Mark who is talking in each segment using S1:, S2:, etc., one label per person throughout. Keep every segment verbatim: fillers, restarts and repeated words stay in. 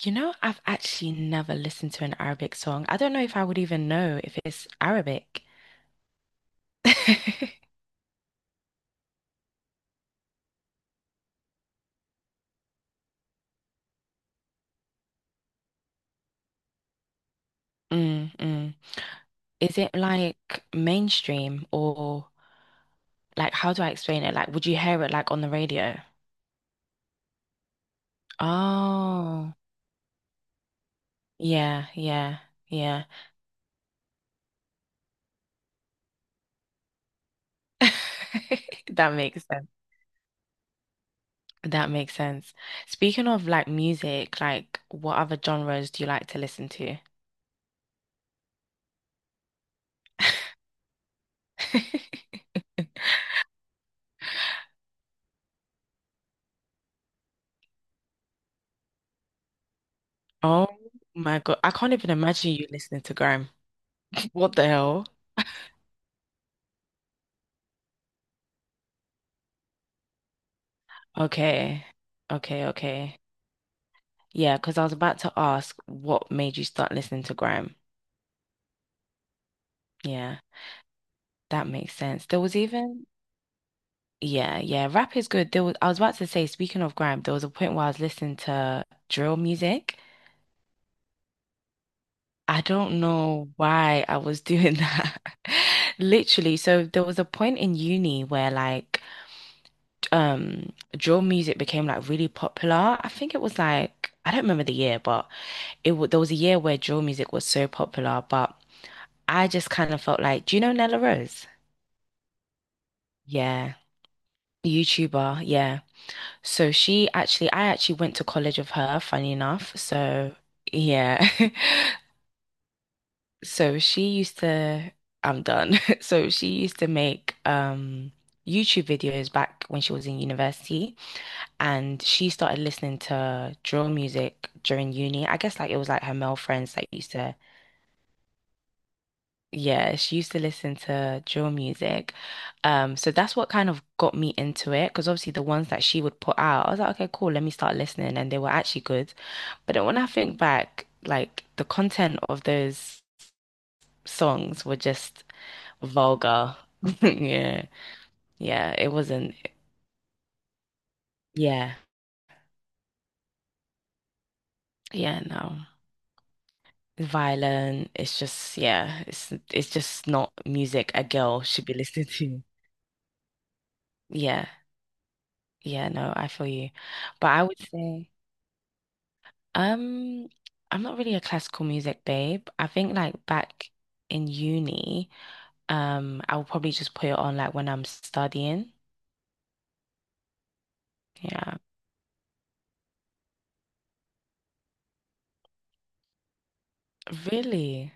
S1: You know, I've actually never listened to an Arabic song. I don't know if I would even know if it's Arabic. Mm, mm. Is it like mainstream or like how do I explain it? Like, would you hear it like on the radio? Oh, yeah, yeah, yeah. That makes sense. That makes sense. Speaking of like music, like what other genres do you like to listen to? Oh my God, I can't even imagine you listening to Grime. What the hell? Okay. Okay, okay. Yeah, because I was about to ask what made you start listening to grime. Yeah, that makes sense. There was even yeah, yeah, rap is good. There was I was about to say, speaking of grime, there was a point where I was listening to drill music. I don't know why I was doing that. Literally, so there was a point in uni where like um drill music became like really popular. I think it was like I don't remember the year, but it w there was a year where drill music was so popular, but I just kind of felt like, do you know Nella Rose? Yeah. YouTuber, yeah. So she actually, I actually went to college with her, funny enough. So yeah. So she used to, I'm done. So she used to make um YouTube videos back when she was in university and she started listening to drill music during uni. I guess like it was like her male friends that used to yeah, she used to listen to drill music. Um, so that's what kind of got me into it because obviously the ones that she would put out, I was like, okay, cool, let me start listening, and they were actually good. But then when I think back, like the content of those songs were just vulgar. Yeah, yeah, it wasn't. Yeah, yeah, no. Violent. It's just yeah, it's it's just not music a girl should be listening to. Yeah, yeah, no, I feel you. But I would say. Um, I'm not really a classical music babe. I think like back in uni, um, I'll probably just put it on like when I'm studying. Yeah. Really?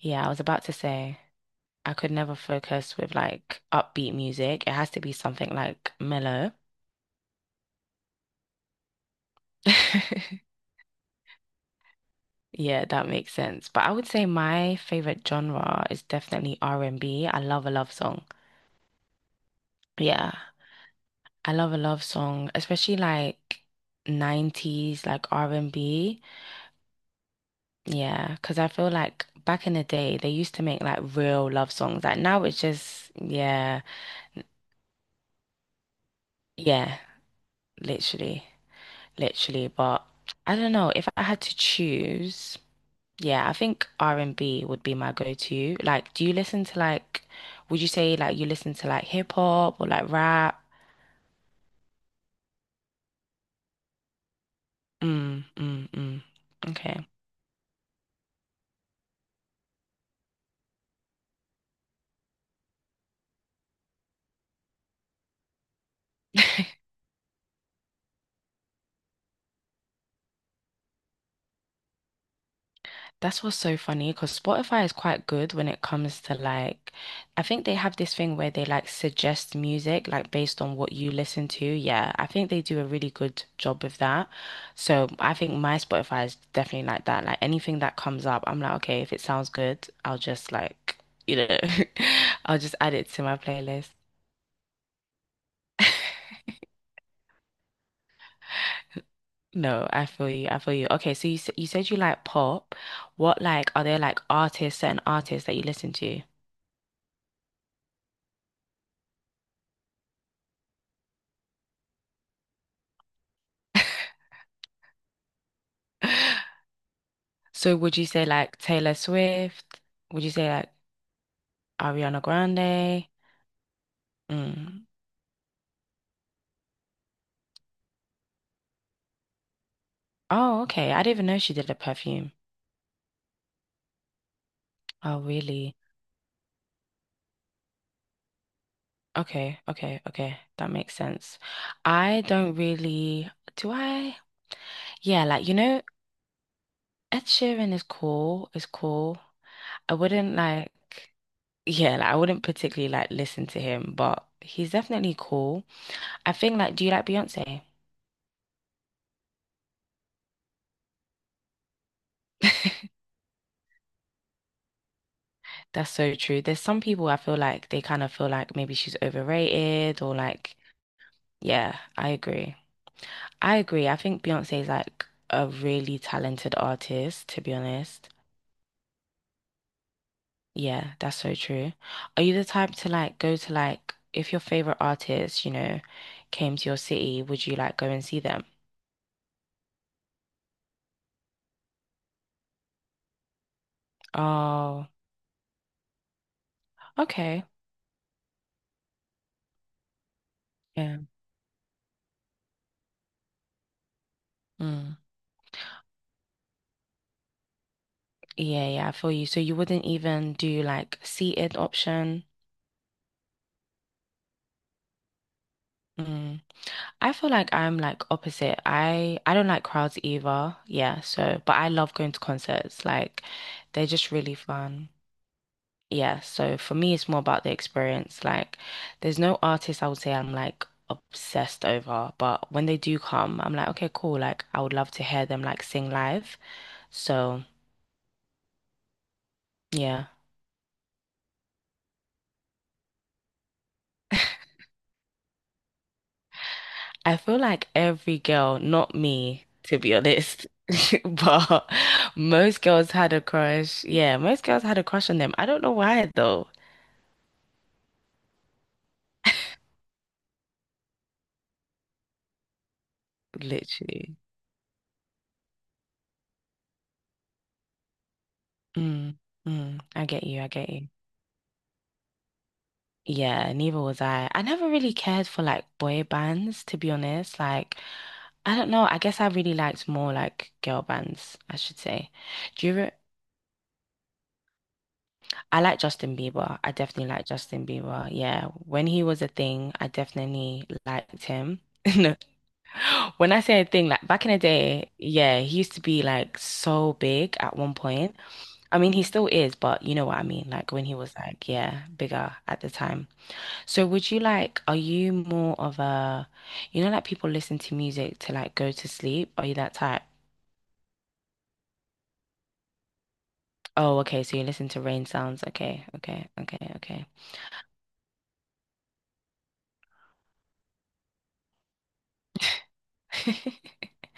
S1: Yeah, I was about to say I could never focus with like upbeat music. It has to be something like mellow. Yeah, that makes sense. But I would say my favorite genre is definitely r and B. I love a love song. Yeah, I love a love song, especially like nineties like R and B. Yeah, because I feel like back in the day, they used to make like real love songs. Like now it's just, yeah, yeah, literally, literally. But I don't know, if I had to choose, yeah, I think R and B would be my go-to. Like, do you listen to like, would you say like you listen to like hip hop or like rap? Mm, mm, mm. Okay. That's what's so funny because Spotify is quite good when it comes to like, I think they have this thing where they like suggest music like based on what you listen to. Yeah, I think they do a really good job with that. So I think my Spotify is definitely like that. Like anything that comes up, I'm like, okay, if it sounds good, I'll just like, you know, I'll just add it to my playlist. No, I feel you. I feel you. Okay, so you s- you said you like pop. What like are there like artists, certain artists that you listen to? So would you say like Taylor Swift? Would you say like Ariana Grande? Mm. Oh, okay. I didn't even know she did a perfume. Oh, really? Okay, okay, okay. That makes sense. I don't really, do I? Yeah, like you know, Ed Sheeran is cool, is cool. I wouldn't like yeah, like I wouldn't particularly like listen to him, but he's definitely cool. I think like do you like Beyonce? That's so true. There's some people I feel like they kind of feel like maybe she's overrated or like, yeah, I agree. I agree. I think Beyonce is like a really talented artist, to be honest. Yeah, that's so true. Are you the type to like go to like if your favorite artist, you know, came to your city, would you like go and see them? Oh, okay. Yeah. Mm. Yeah, yeah, I feel you. So you wouldn't even do like seated option? Mm. I feel like I'm like opposite. I I don't like crowds either. Yeah, so but I love going to concerts. Like they're just really fun. Yeah, so for me it's more about the experience. Like there's no artist I would say I'm like obsessed over, but when they do come, I'm like, okay, cool. Like I would love to hear them like sing live. So, yeah. I feel like every girl, not me, to be honest. But most girls had a crush. Yeah, most girls had a crush on them. I don't know why though. Literally. Mm, mm, I get you. I get you. Yeah, neither was I. I never really cared for like boy bands, to be honest. Like, I don't know. I guess I really liked more like girl bands, I should say. Do you re I like Justin Bieber. I definitely like Justin Bieber. Yeah, when he was a thing, I definitely liked him. No, when I say a thing, like back in the day, yeah, he used to be like so big at one point. I mean, he still is, but you know what I mean. Like when he was like, yeah, bigger at the time. So would you like, are you more of a, you know, like people listen to music to like go to sleep? Are you that type? Oh, okay. So you listen to rain sounds. Okay, okay, okay, okay.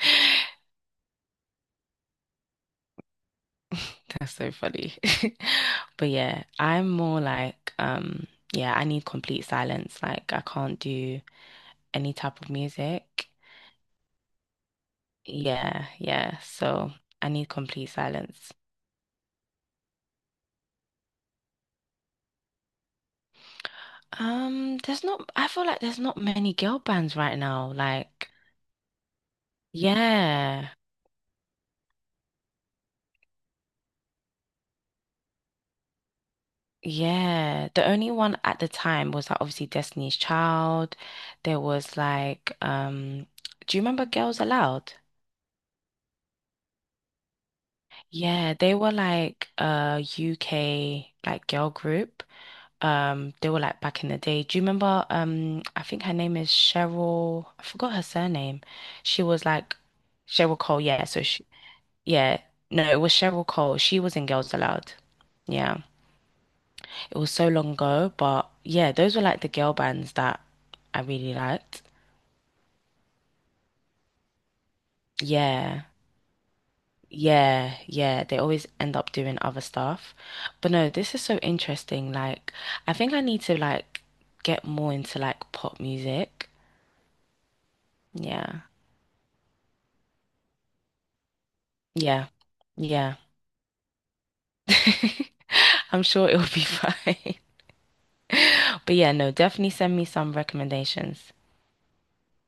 S1: That's so funny. But yeah, I'm more like, um, yeah, I need complete silence. Like I can't do any type of music. Yeah, yeah. So I need complete silence. Um, there's not, I feel like there's not many girl bands right now. Like, yeah, yeah. The only one at the time was like obviously Destiny's Child. There was like, um, do you remember Girls Aloud? Yeah, they were like a U K like girl group. Um, they were like back in the day. Do you remember? Um, I think her name is Cheryl. I forgot her surname. She was like Cheryl Cole. Yeah, so she, yeah, no, it was Cheryl Cole. She was in Girls Aloud. Yeah, it was so long ago, but yeah, those were like the girl bands that I really liked. Yeah, yeah, yeah. They always end up doing other stuff. But no, this is so interesting. Like, I think I need to like get more into like pop music. Yeah, yeah, yeah. I'm sure it'll be fine. But yeah, no, definitely send me some recommendations.